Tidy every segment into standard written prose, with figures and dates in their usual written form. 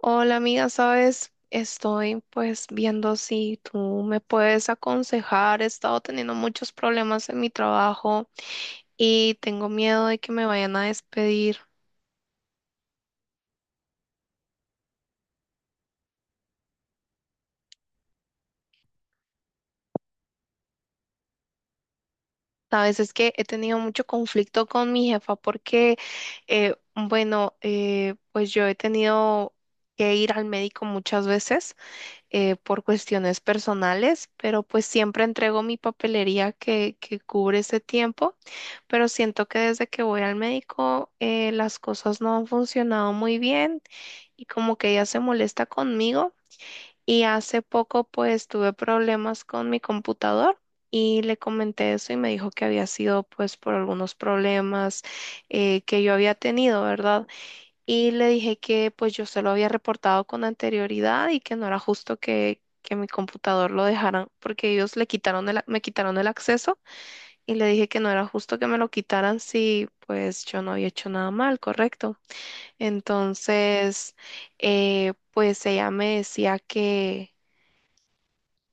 Hola amiga, sabes, estoy pues viendo si tú me puedes aconsejar. He estado teniendo muchos problemas en mi trabajo y tengo miedo de que me vayan a despedir. Sabes, es que he tenido mucho conflicto con mi jefa porque, bueno, pues yo he tenido que ir al médico muchas veces por cuestiones personales, pero pues siempre entrego mi papelería que cubre ese tiempo, pero siento que desde que voy al médico las cosas no han funcionado muy bien y como que ella se molesta conmigo y hace poco pues tuve problemas con mi computador. Y le comenté eso y me dijo que había sido pues por algunos problemas que yo había tenido, ¿verdad? Y le dije que pues yo se lo había reportado con anterioridad y que no era justo que mi computador lo dejaran porque ellos le quitaron el, me quitaron el acceso y le dije que no era justo que me lo quitaran si pues yo no había hecho nada mal, correcto. Entonces, pues ella me decía que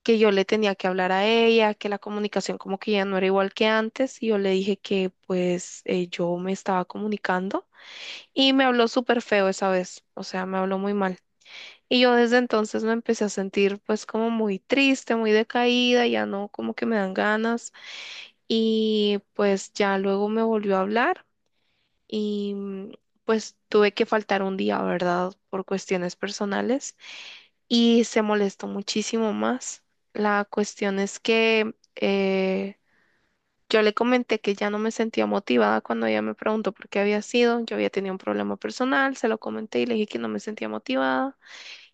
que yo le tenía que hablar a ella, que la comunicación como que ya no era igual que antes, y yo le dije que pues yo me estaba comunicando y me habló súper feo esa vez, o sea, me habló muy mal. Y yo desde entonces me empecé a sentir pues como muy triste, muy decaída, ya no como que me dan ganas y pues ya luego me volvió a hablar y pues tuve que faltar un día, ¿verdad? Por cuestiones personales y se molestó muchísimo más. La cuestión es que yo le comenté que ya no me sentía motivada cuando ella me preguntó por qué había sido, yo había tenido un problema personal, se lo comenté y le dije que no me sentía motivada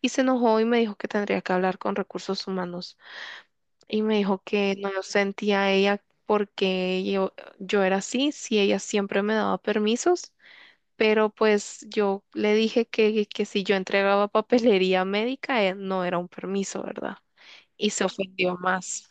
y se enojó y me dijo que tendría que hablar con recursos humanos y me dijo que no sentía a ella porque yo era así, si ella siempre me daba permisos, pero pues yo le dije que si yo entregaba papelería médica no era un permiso, ¿verdad? Y se ofendió más.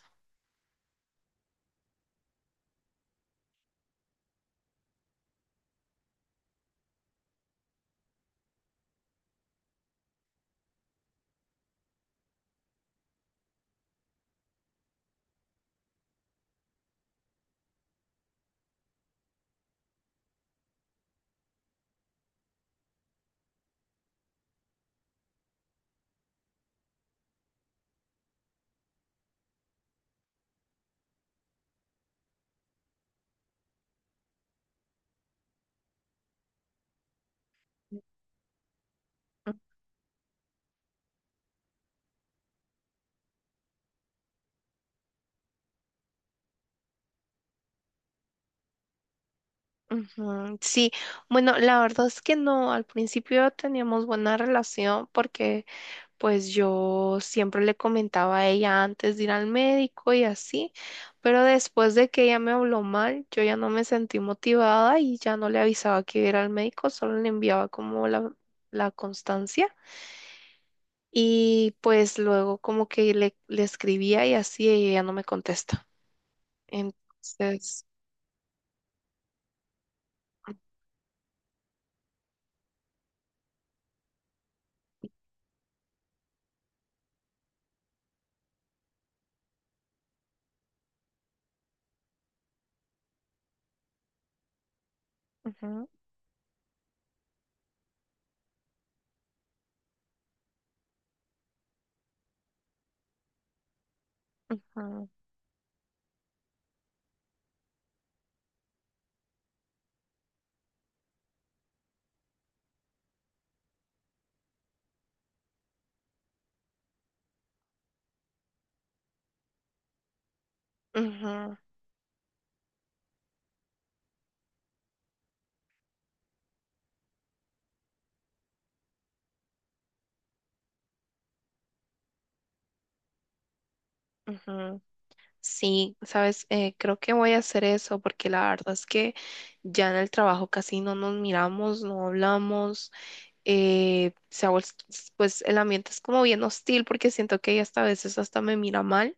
Ujú, sí, bueno, la verdad es que no, al principio teníamos buena relación porque pues yo siempre le comentaba a ella antes de ir al médico y así, pero después de que ella me habló mal, yo ya no me sentí motivada y ya no le avisaba que iba a ir al médico, solo le enviaba como la constancia y pues luego como que le escribía y así y ella no me contesta. Entonces, ujú, ujú, ujú, ujú. Sí, sabes, creo que voy a hacer eso porque la verdad es que ya en el trabajo casi no nos miramos, no hablamos, eh, se ha vuel- pues el ambiente es como bien hostil porque siento que ella hasta a veces hasta me mira mal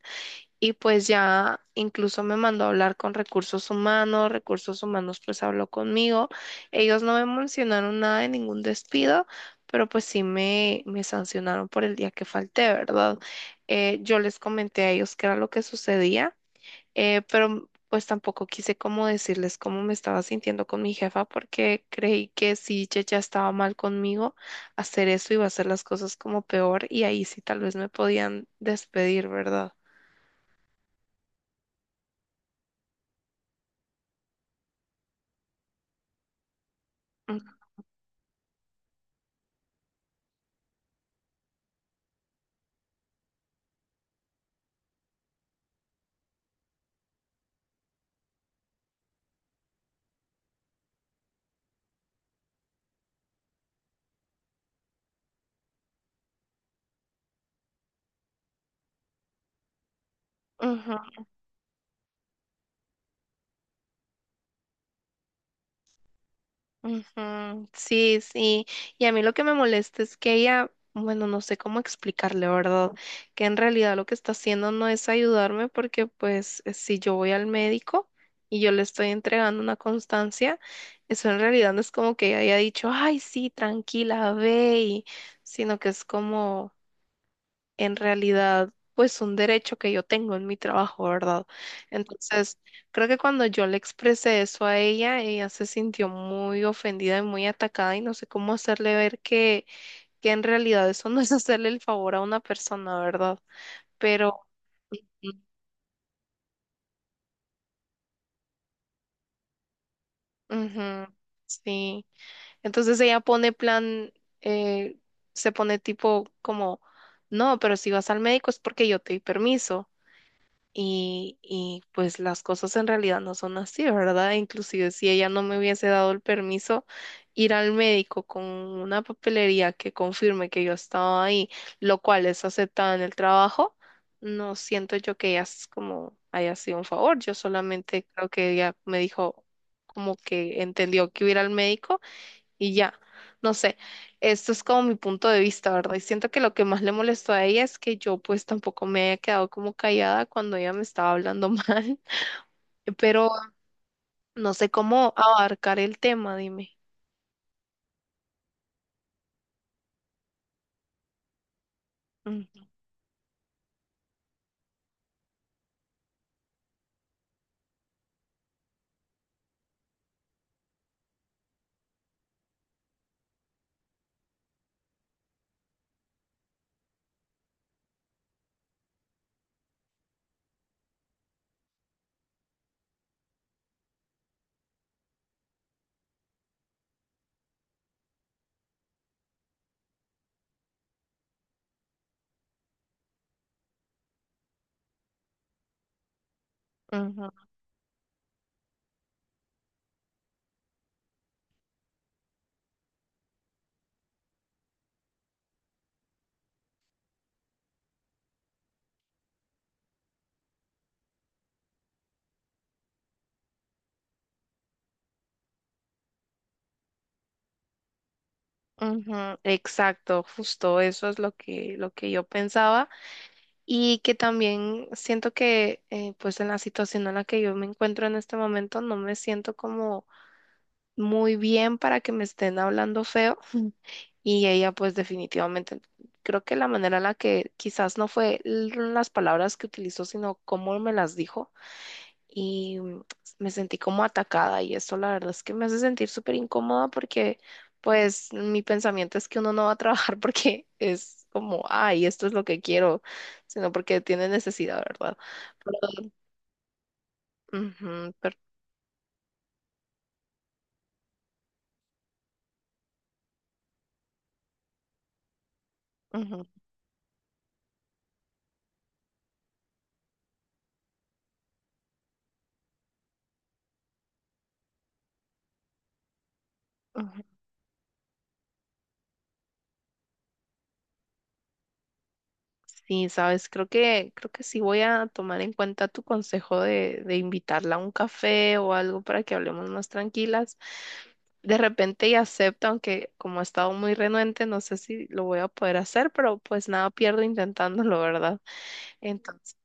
y pues ya incluso me mandó a hablar con recursos humanos pues habló conmigo, ellos no me mencionaron nada de ningún despido, pero pues sí me sancionaron por el día que falté, ¿verdad? Yo les comenté a ellos qué era lo que sucedía pero pues tampoco quise como decirles cómo me estaba sintiendo con mi jefa porque creí que si ella ya estaba mal conmigo, hacer eso iba a hacer las cosas como peor y ahí sí tal vez me podían despedir, ¿verdad? Ujú, ujú, sí, sí. Y a mí lo que me molesta es que ella, bueno, no sé cómo explicarle, ¿verdad? Que en realidad lo que está haciendo no es ayudarme porque pues si yo voy al médico y yo le estoy entregando una constancia, eso en realidad no es como que ella haya dicho, ay, sí, tranquila, ve, sino que es como en realidad, pues un derecho que yo tengo en mi trabajo, ¿verdad? Entonces, creo que cuando yo le expresé eso a ella, ella se sintió muy ofendida y muy atacada y no sé cómo hacerle ver que en realidad eso no es hacerle el favor a una persona, ¿verdad? Pero, ujú, sí. Entonces ella pone plan, eh, se pone tipo como, no, pero si vas al médico es porque yo te di permiso. Y pues las cosas en realidad no son así, ¿verdad? Inclusive si ella no me hubiese dado el permiso ir al médico con una papelería que confirme que yo estaba ahí, lo cual es aceptada en el trabajo, no siento yo que ella es como haya sido un favor. Yo solamente creo que ella me dijo como que entendió que iba a ir al médico y ya. No sé, esto es como mi punto de vista, ¿verdad? Y siento que lo que más le molestó a ella es que yo pues tampoco me había quedado como callada cuando ella me estaba hablando mal, pero no sé cómo abarcar el tema, dime. Ujú, ujú, ujú, exacto, justo eso es lo lo que yo pensaba. Y que también siento que pues en la situación en la que yo me encuentro en este momento no me siento como muy bien para que me estén hablando feo. Y ella pues definitivamente, creo que la manera en la que quizás no fue las palabras que utilizó, sino cómo me las dijo. Y me sentí como atacada y esto la verdad es que me hace sentir súper incómoda porque pues mi pensamiento es que uno no va a trabajar porque es como, ay, esto es lo que quiero, sino porque tiene necesidad, ¿verdad? Pero, ujú, pero, ujú, ujú. Sí, sabes, creo que sí voy a tomar en cuenta tu consejo de invitarla a un café o algo para que hablemos más tranquilas. De repente ella acepta, aunque como ha estado muy renuente, no sé si lo voy a poder hacer, pero pues nada pierdo intentándolo, ¿verdad? Entonces,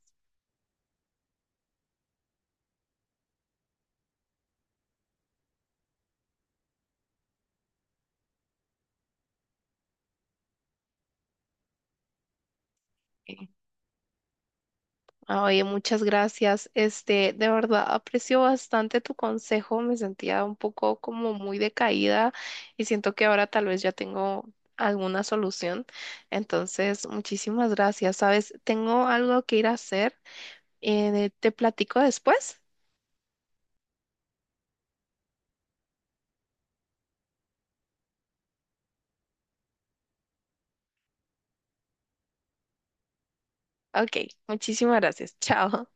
eh, ah, oye, muchas gracias. Este, de verdad aprecio bastante tu consejo. Me sentía un poco como muy decaída y siento que ahora tal vez ya tengo alguna solución. Entonces, muchísimas gracias. Sabes, tengo algo que ir a hacer. ¿Te platico después? Ok, muchísimas gracias. Chao.